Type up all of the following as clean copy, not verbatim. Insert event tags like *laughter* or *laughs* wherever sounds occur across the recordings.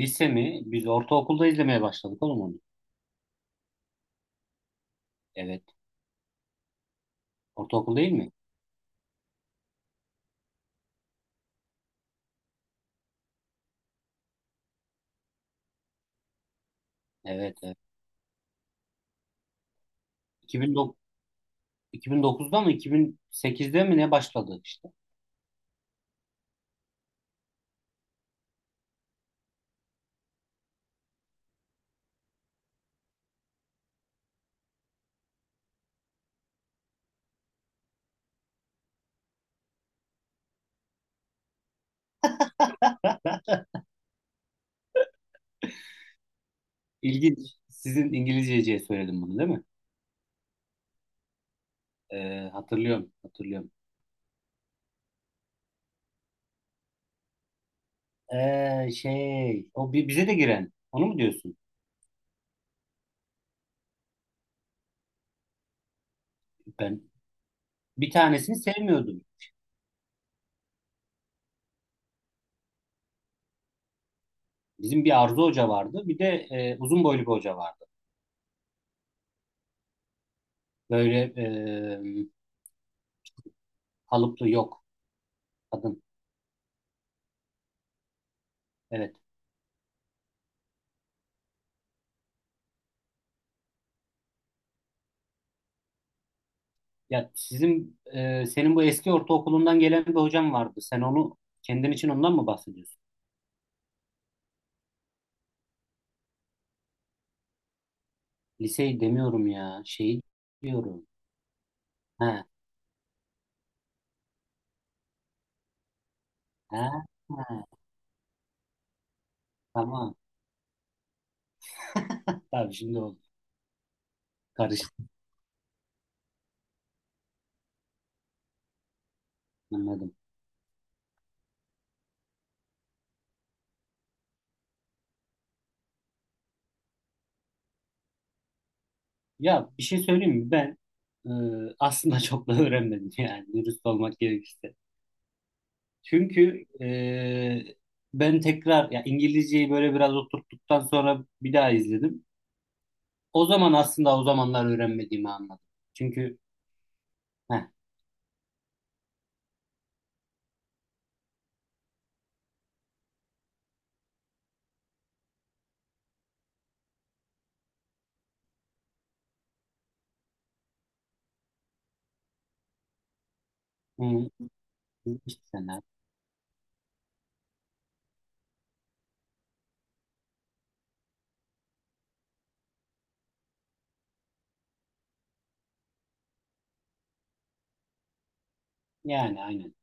Lise mi? Biz ortaokulda izlemeye başladık oğlum onu. Evet. Ortaokul değil mi? Evet, evet. 2009, 2009'da mı 2008'de mi ne başladı işte. İlginç. Sizin İngilizceciye söyledim bunu değil mi? Hatırlıyorum, hatırlıyorum. O bize de giren. Onu mu diyorsun? Ben bir tanesini sevmiyordum. Bizim bir Arzu Hoca vardı. Bir de uzun boylu bir hoca vardı. Böyle kalıplı yok kadın. Evet. Ya sizin senin bu eski ortaokulundan gelen bir hocam vardı. Sen onu kendin için ondan mı bahsediyorsun? Liseyi demiyorum ya. Şeyi diyorum. Ha, ha, he. Tamam. Tabii şimdi oldu. Karıştı. Anladım. Ya bir şey söyleyeyim mi? Ben e, aslında *laughs* çok da öğrenmedim yani dürüst olmak gerekirse. Çünkü ben tekrar ya İngilizceyi böyle biraz oturttuktan sonra bir daha izledim. O zaman aslında o zamanlar öğrenmediğimi anladım. Çünkü heh, hı. İlk sene. Yani aynen.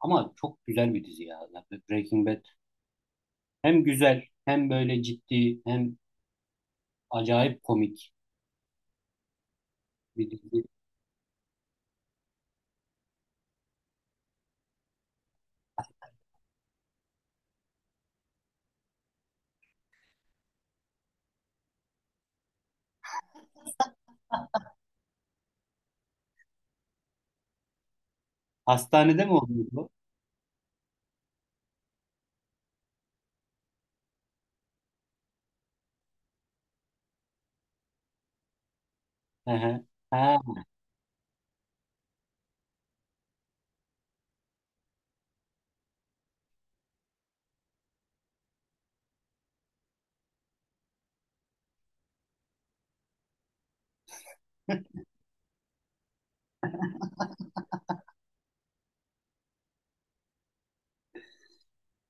Ama çok güzel bir dizi ya. Breaking Bad. Hem güzel hem böyle ciddi hem acayip komik bir dizi. Hastanede mi oluyor bu? Hı hı. Ha,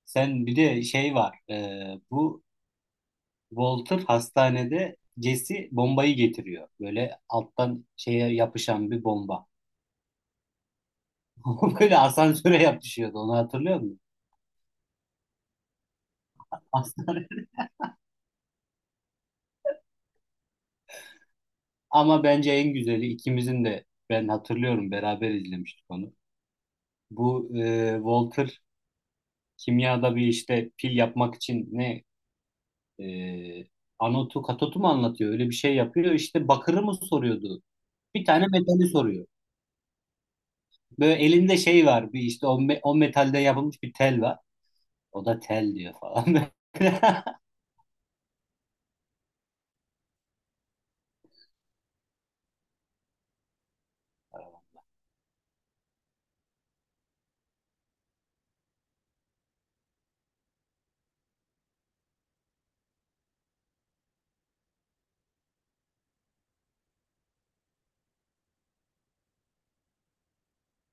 sen bir de şey var. Bu Walter hastanede Jesse bombayı getiriyor. Böyle alttan şeye yapışan bir bomba. *laughs* Böyle asansöre yapışıyordu. Onu hatırlıyor musun? *laughs* Hastane. Ama bence en güzeli ikimizin de ben hatırlıyorum beraber izlemiştik onu. Walter kimyada bir işte pil yapmak için ne e, anotu katotu mu anlatıyor? Öyle bir şey yapıyor. İşte bakırı mı soruyordu? Bir tane metali soruyor. Böyle elinde şey var. Bir işte o metalde yapılmış bir tel var. O da tel diyor falan. *laughs*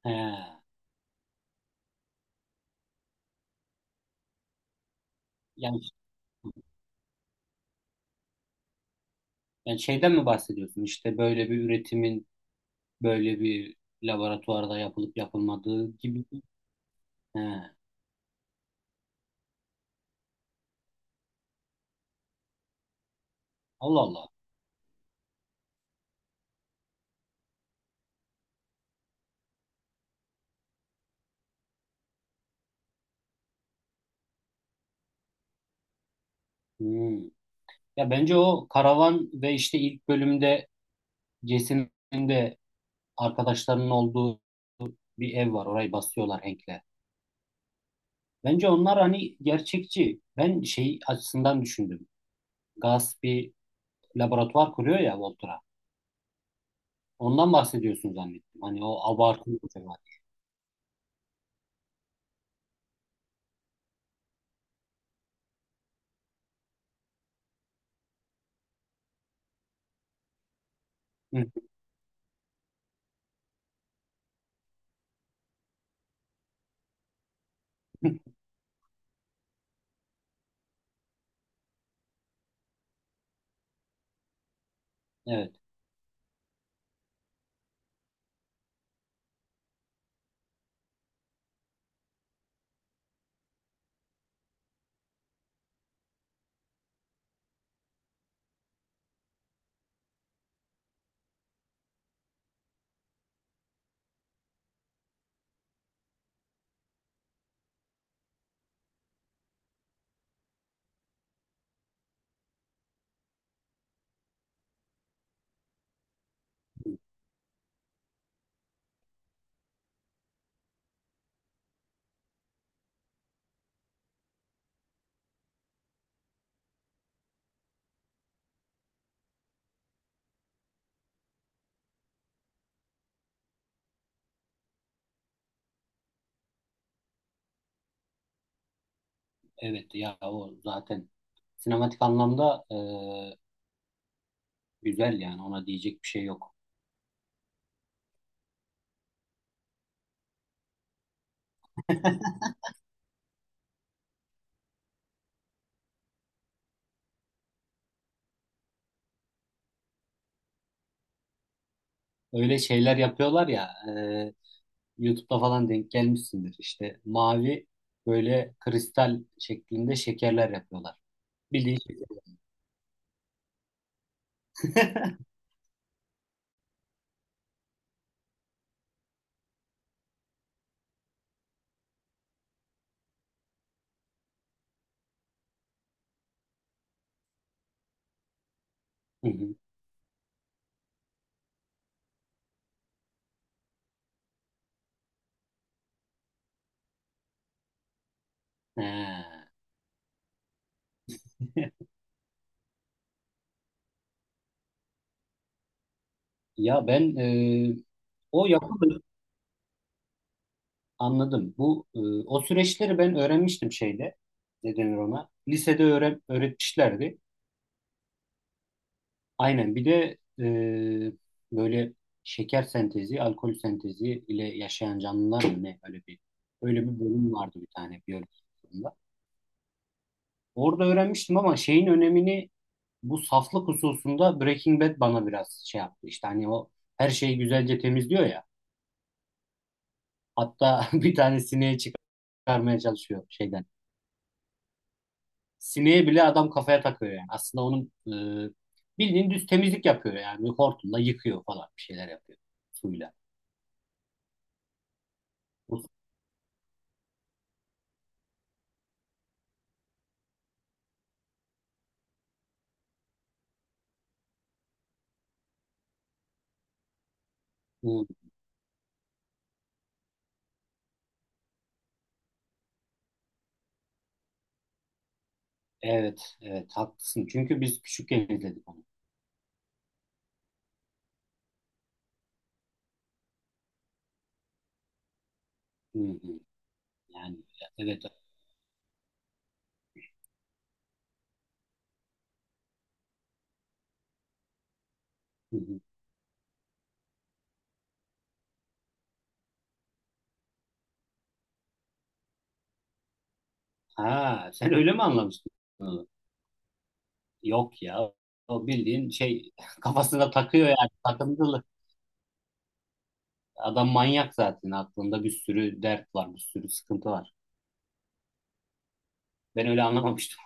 He. Yani, yani şeyden mi bahsediyorsun? İşte böyle bir üretimin böyle bir laboratuvarda yapılıp yapılmadığı gibi. He. Allah Allah. Hmm. Ya bence o karavan ve işte ilk bölümde Jason'ın de arkadaşlarının olduğu bir ev var. Orayı basıyorlar Hank'le. Bence onlar hani gerçekçi. Ben şey açısından düşündüm. Gus bir laboratuvar kuruyor ya Walter'a. Ondan bahsediyorsun zannettim. Hani o abartılı bir tema. Hı. *laughs* Evet. Evet ya o zaten sinematik anlamda güzel yani ona diyecek bir şey yok. Öyle şeyler yapıyorlar ya e, YouTube'da falan denk gelmişsindir. İşte mavi böyle kristal şeklinde şekerler yapıyorlar. Bildiğin şey. *laughs* Hı hı. Ha. Ya ben o yapımı anladım. Bu o süreçleri ben öğrenmiştim şeyde. Ne denir ona? Lisede öğren, öğretmişlerdi. Aynen. Bir de böyle şeker sentezi, alkol sentezi ile yaşayan canlılar mı ne? Öyle bir bölüm vardı bir tane biyoloji bölümünde. Orada öğrenmiştim ama şeyin önemini bu saflık hususunda Breaking Bad bana biraz şey yaptı. İşte hani o her şeyi güzelce temizliyor ya. Hatta *laughs* bir tane sineği çıkarmaya çalışıyor şeyden. Sineği bile adam kafaya takıyor yani. Aslında onun bildiğin düz temizlik yapıyor yani. Hortumla yıkıyor falan bir şeyler yapıyor suyla. Bu- bu- Evet, evet haklısın. Çünkü biz küçükken izledik onu. Hı hı. Yani evet. Hı hı. Ha, sen öyle mi anlamıştın? Hı. Yok ya. O bildiğin şey *laughs* kafasına takıyor yani takıntılı. Adam manyak zaten aklında bir sürü dert var, bir sürü sıkıntı var. Ben öyle anlamamıştım.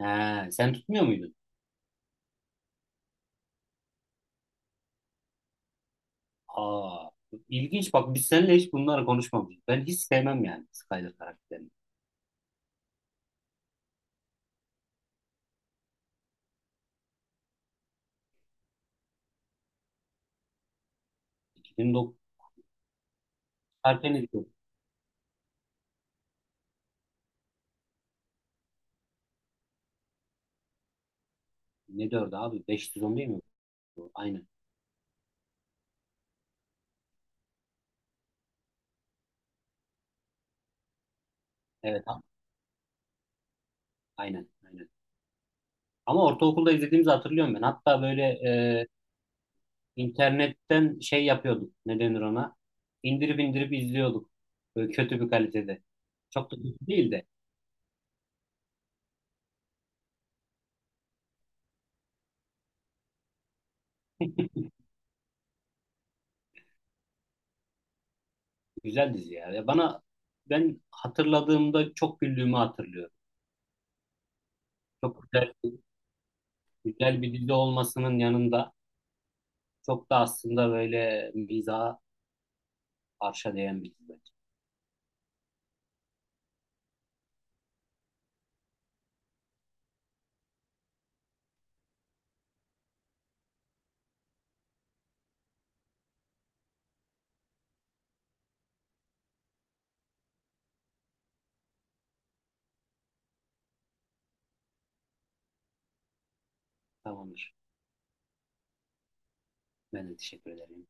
He, sen tutmuyor muydun? Aa, ilginç bak biz seninle hiç bunları konuşmamışız. Ben hiç sevmem yani Skyler karakterini. 2009 harfi ne diyor? Ne diyordu abi? 510 değil mi? Aynen. Evet aynen. Aynen. Ama ortaokulda izlediğimizi hatırlıyorum ben. Hatta böyle e, internetten şey yapıyorduk. Ne denir ona? İndirip indirip izliyorduk. Böyle kötü bir kalitede. Çok da kötü değil de. Güzel dizi ya. Ya bana ben hatırladığımda çok güldüğümü hatırlıyorum. Çok güzel. Güzel bir dizi olmasının yanında çok da aslında böyle mizaha arşa değen bir dizi. Tamamdır. Ben de teşekkür ederim.